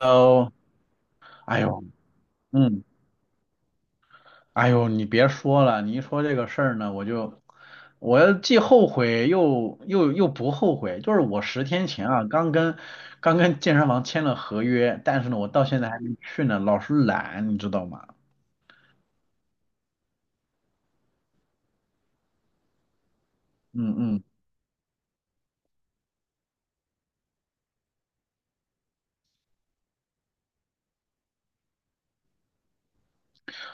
哦，哎呦，嗯，哎呦，你别说了，你一说这个事儿呢，我就，我又既后悔又不后悔。就是我10天前啊，刚跟健身房签了合约，但是呢，我到现在还没去呢，老是懒，你知道吗？嗯嗯，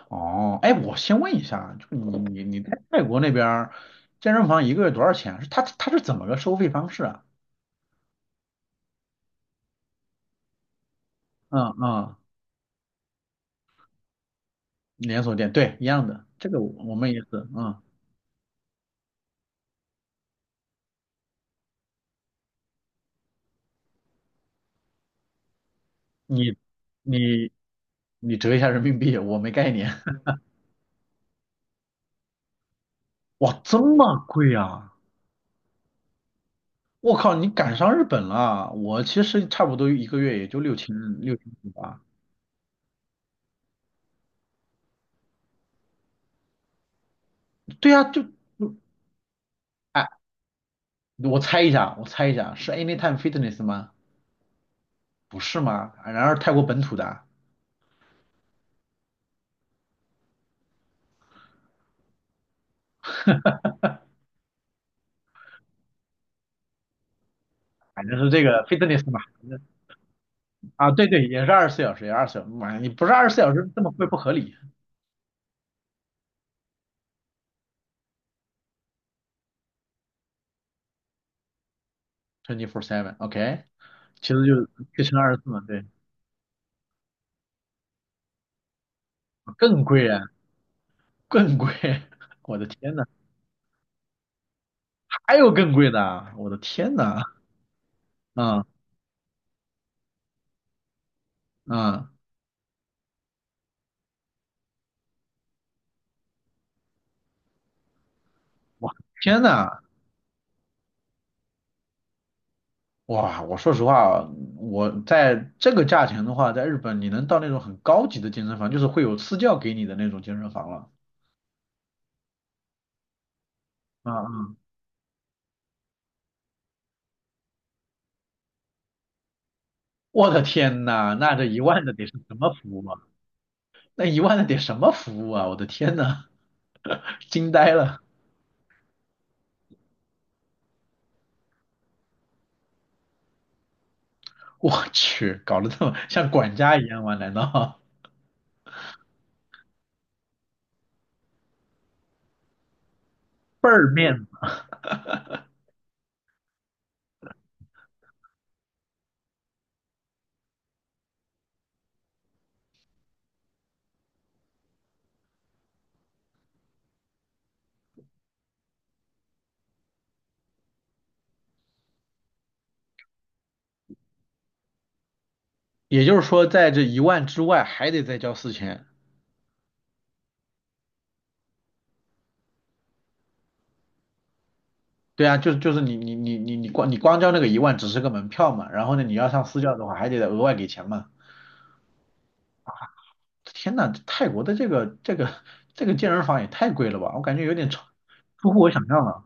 哦，哎，我先问一下啊，就你在泰国那边儿健身房一个月多少钱？是他是怎么个收费方式啊？嗯嗯，连锁店，对，一样的，这个我们也是，嗯。你你你折一下人民币，我没概念。哇，这么贵啊！我靠，你赶上日本了。我其实差不多一个月也就六千6,500吧。对啊，就哎，我猜一下，我猜一下，是 Anytime Fitness 吗？不是吗？啊然而泰国本土的，反正是这个 Fitness 嘛。啊，对对，也是二十四小时，也二十四小时。妈呀，你不是二十四小时这么贵不合理，twenty four seven，OK，其实就乘二十四嘛，对，更贵啊，更贵，我的天呐！还有更贵的啊，我的天呐，嗯嗯，我天呐，哇，我说实话，我在这个价钱的话，在日本你能到那种很高级的健身房，就是会有私教给你的那种健身房了。嗯嗯，我的天呐，那这一万的得是什么服务啊？那一万的得什么服务啊？我的天呐，惊呆了，我去，搞得这么像管家一样吗？难道 倍儿面子？也就是说，在这一万之外还得再交四千。对啊，就是你光交那个一万只是个门票嘛，然后呢你要上私教的话还得额外给钱嘛。天呐，这泰国的这个健身房也太贵了吧，我感觉有点超出乎我想象了。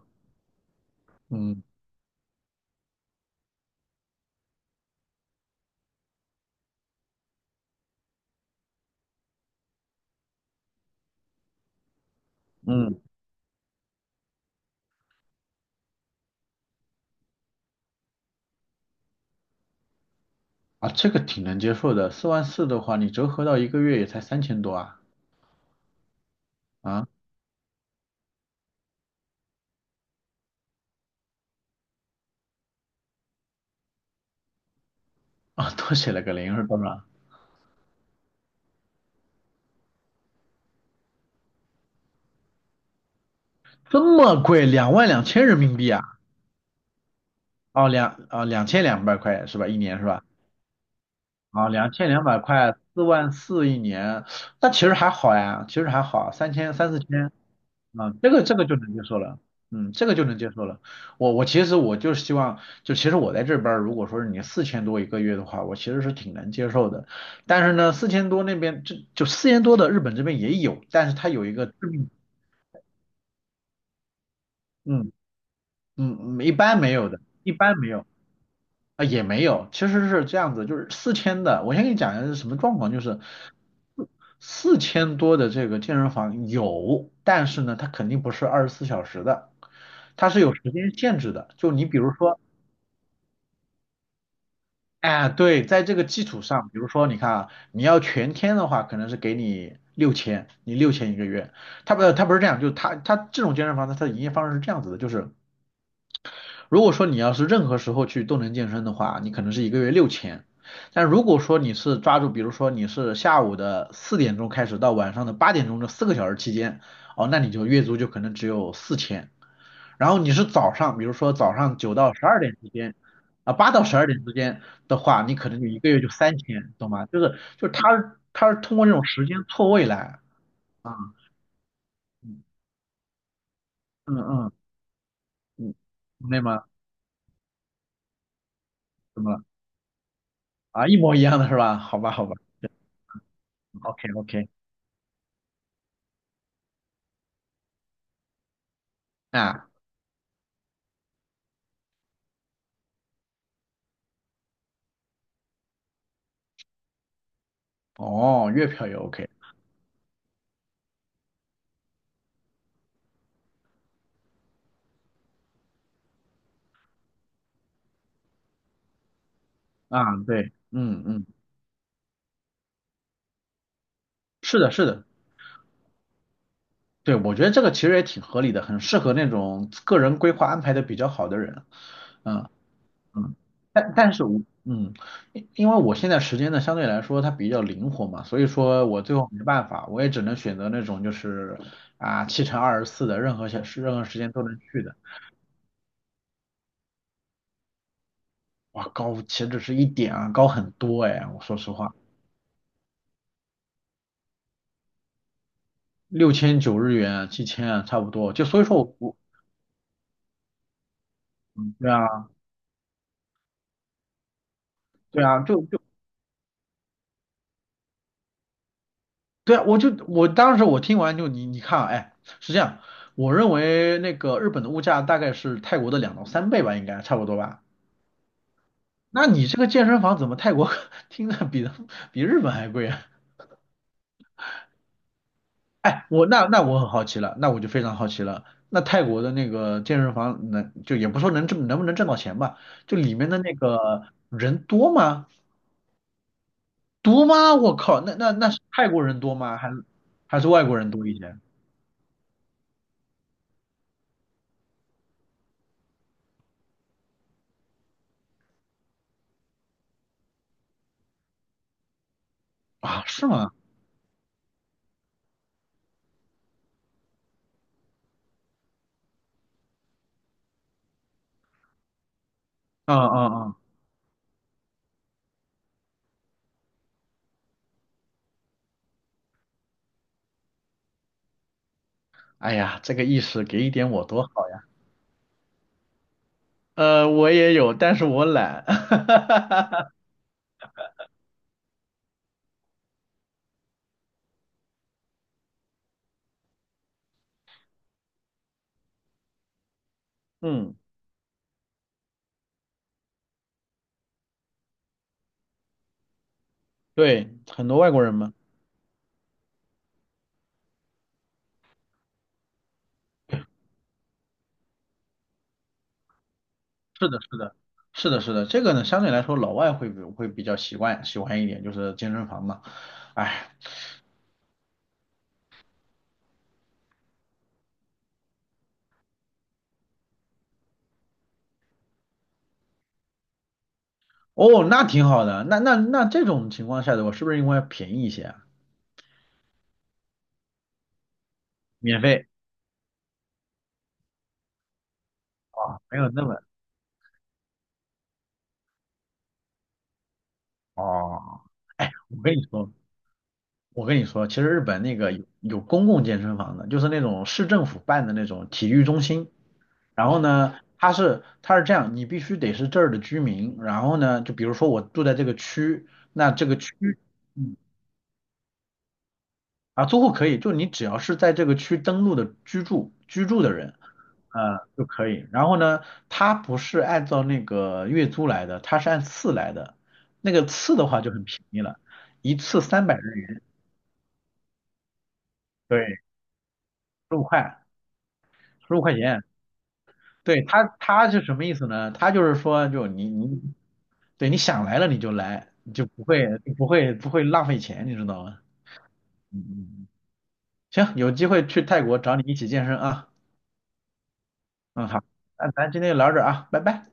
嗯嗯，啊，这个挺能接受的，四万四的话你折合到一个月也才3,000多啊啊啊，多写了个零是多少？这么贵，22,000人民币啊？哦两千两百块是吧？一年是吧？啊，两千两百块，四万四一年，那其实还好呀，其实还好，三千三四千，啊，这个就能接受了，嗯，这个就能接受了。我其实我就是希望，就其实我在这边儿如果说是你四千多一个月的话，我其实是挺能接受的。但是呢，四千多那边就四千多的日本这边也有，但是它有一个致命，嗯嗯，一般没有的，一般没有。啊，也没有，其实是这样子，就是四千的，我先给你讲一下是什么状况，就是四千多的这个健身房有，但是呢，它肯定不是二十四小时的，它是有时间限制的。就你比如说，哎，对，在这个基础上，比如说你看啊，你要全天的话，可能是给你六千，你六千一个月。它不，它不是这样，就是它这种健身房呢，它的营业方式是这样子的，就是如果说你要是任何时候去动能健身的话，你可能是一个月六千。但如果说你是抓住，比如说你是下午的4点钟开始到晚上的8点钟这4个小时期间，哦，那你就月租就可能只有四千。然后你是早上，比如说早上9到12点之间，啊，8到12点之间的话，你可能就一个月就三千，懂吗？就是他是通过这种时间错位来啊，嗯嗯嗯嗯，那么怎么了？啊，一模一样的是吧？好吧好吧，OK OK。啊，哦，月票也 OK 啊，对，嗯嗯，是的，是的，对，我觉得这个其实也挺合理的，很适合那种个人规划安排的比较好的人，嗯嗯，但是我嗯，因为我现在时间呢相对来说它比较灵活嘛，所以说我最后没办法，我也只能选择那种就是啊7乘24的，任何小时任何时间都能去的，哇，高岂止是一点啊，高很多哎，我说实话，6,900日元，7,000啊，差不多，就所以说我。对啊。对啊，就对啊，我就我当时我听完就你看啊，哎，是这样，我认为那个日本的物价大概是泰国的2到3倍吧，应该差不多吧。那你这个健身房怎么泰国 听着比日本还贵啊？哎，我我很好奇了，那我就非常好奇了，那泰国的那个健身房能就也不说能挣能不能挣到钱吧，就里面的那个人多吗？多吗？我靠，那是泰国人多吗？还是还是外国人多一些啊？是吗？啊啊啊！哎呀，这个意识给一点我多好呀！呃，我也有，但是我懒。哈哈哈嗯，对，很多外国人嘛。是的，是的，是的，是的。这个呢，相对来说老外会比较习惯喜欢一点，就是健身房嘛。哎，哦，那挺好的。那这种情况下的话，是不是应该便宜一些啊？免费啊，没有那么哦。哎，我跟你说，我跟你说，其实日本那个有公共健身房的，就是那种市政府办的那种体育中心。然后呢，它是这样，你必须得是这儿的居民。然后呢，就比如说我住在这个区，那这个区，嗯，啊，租户可以，就你只要是在这个区登录的居住的人，呃，就可以。然后呢，它不是按照那个月租来的，它是按次来的。那个次的话就很便宜了，一次300日元，对，十五块，15块钱。对他，他是什么意思呢？他就是说，就你你，对你想来了你就来，你就不会浪费钱，你知道吗？嗯嗯，嗯行，有机会去泰国找你一起健身啊。嗯，好，那咱今天就聊到这儿啊，拜拜。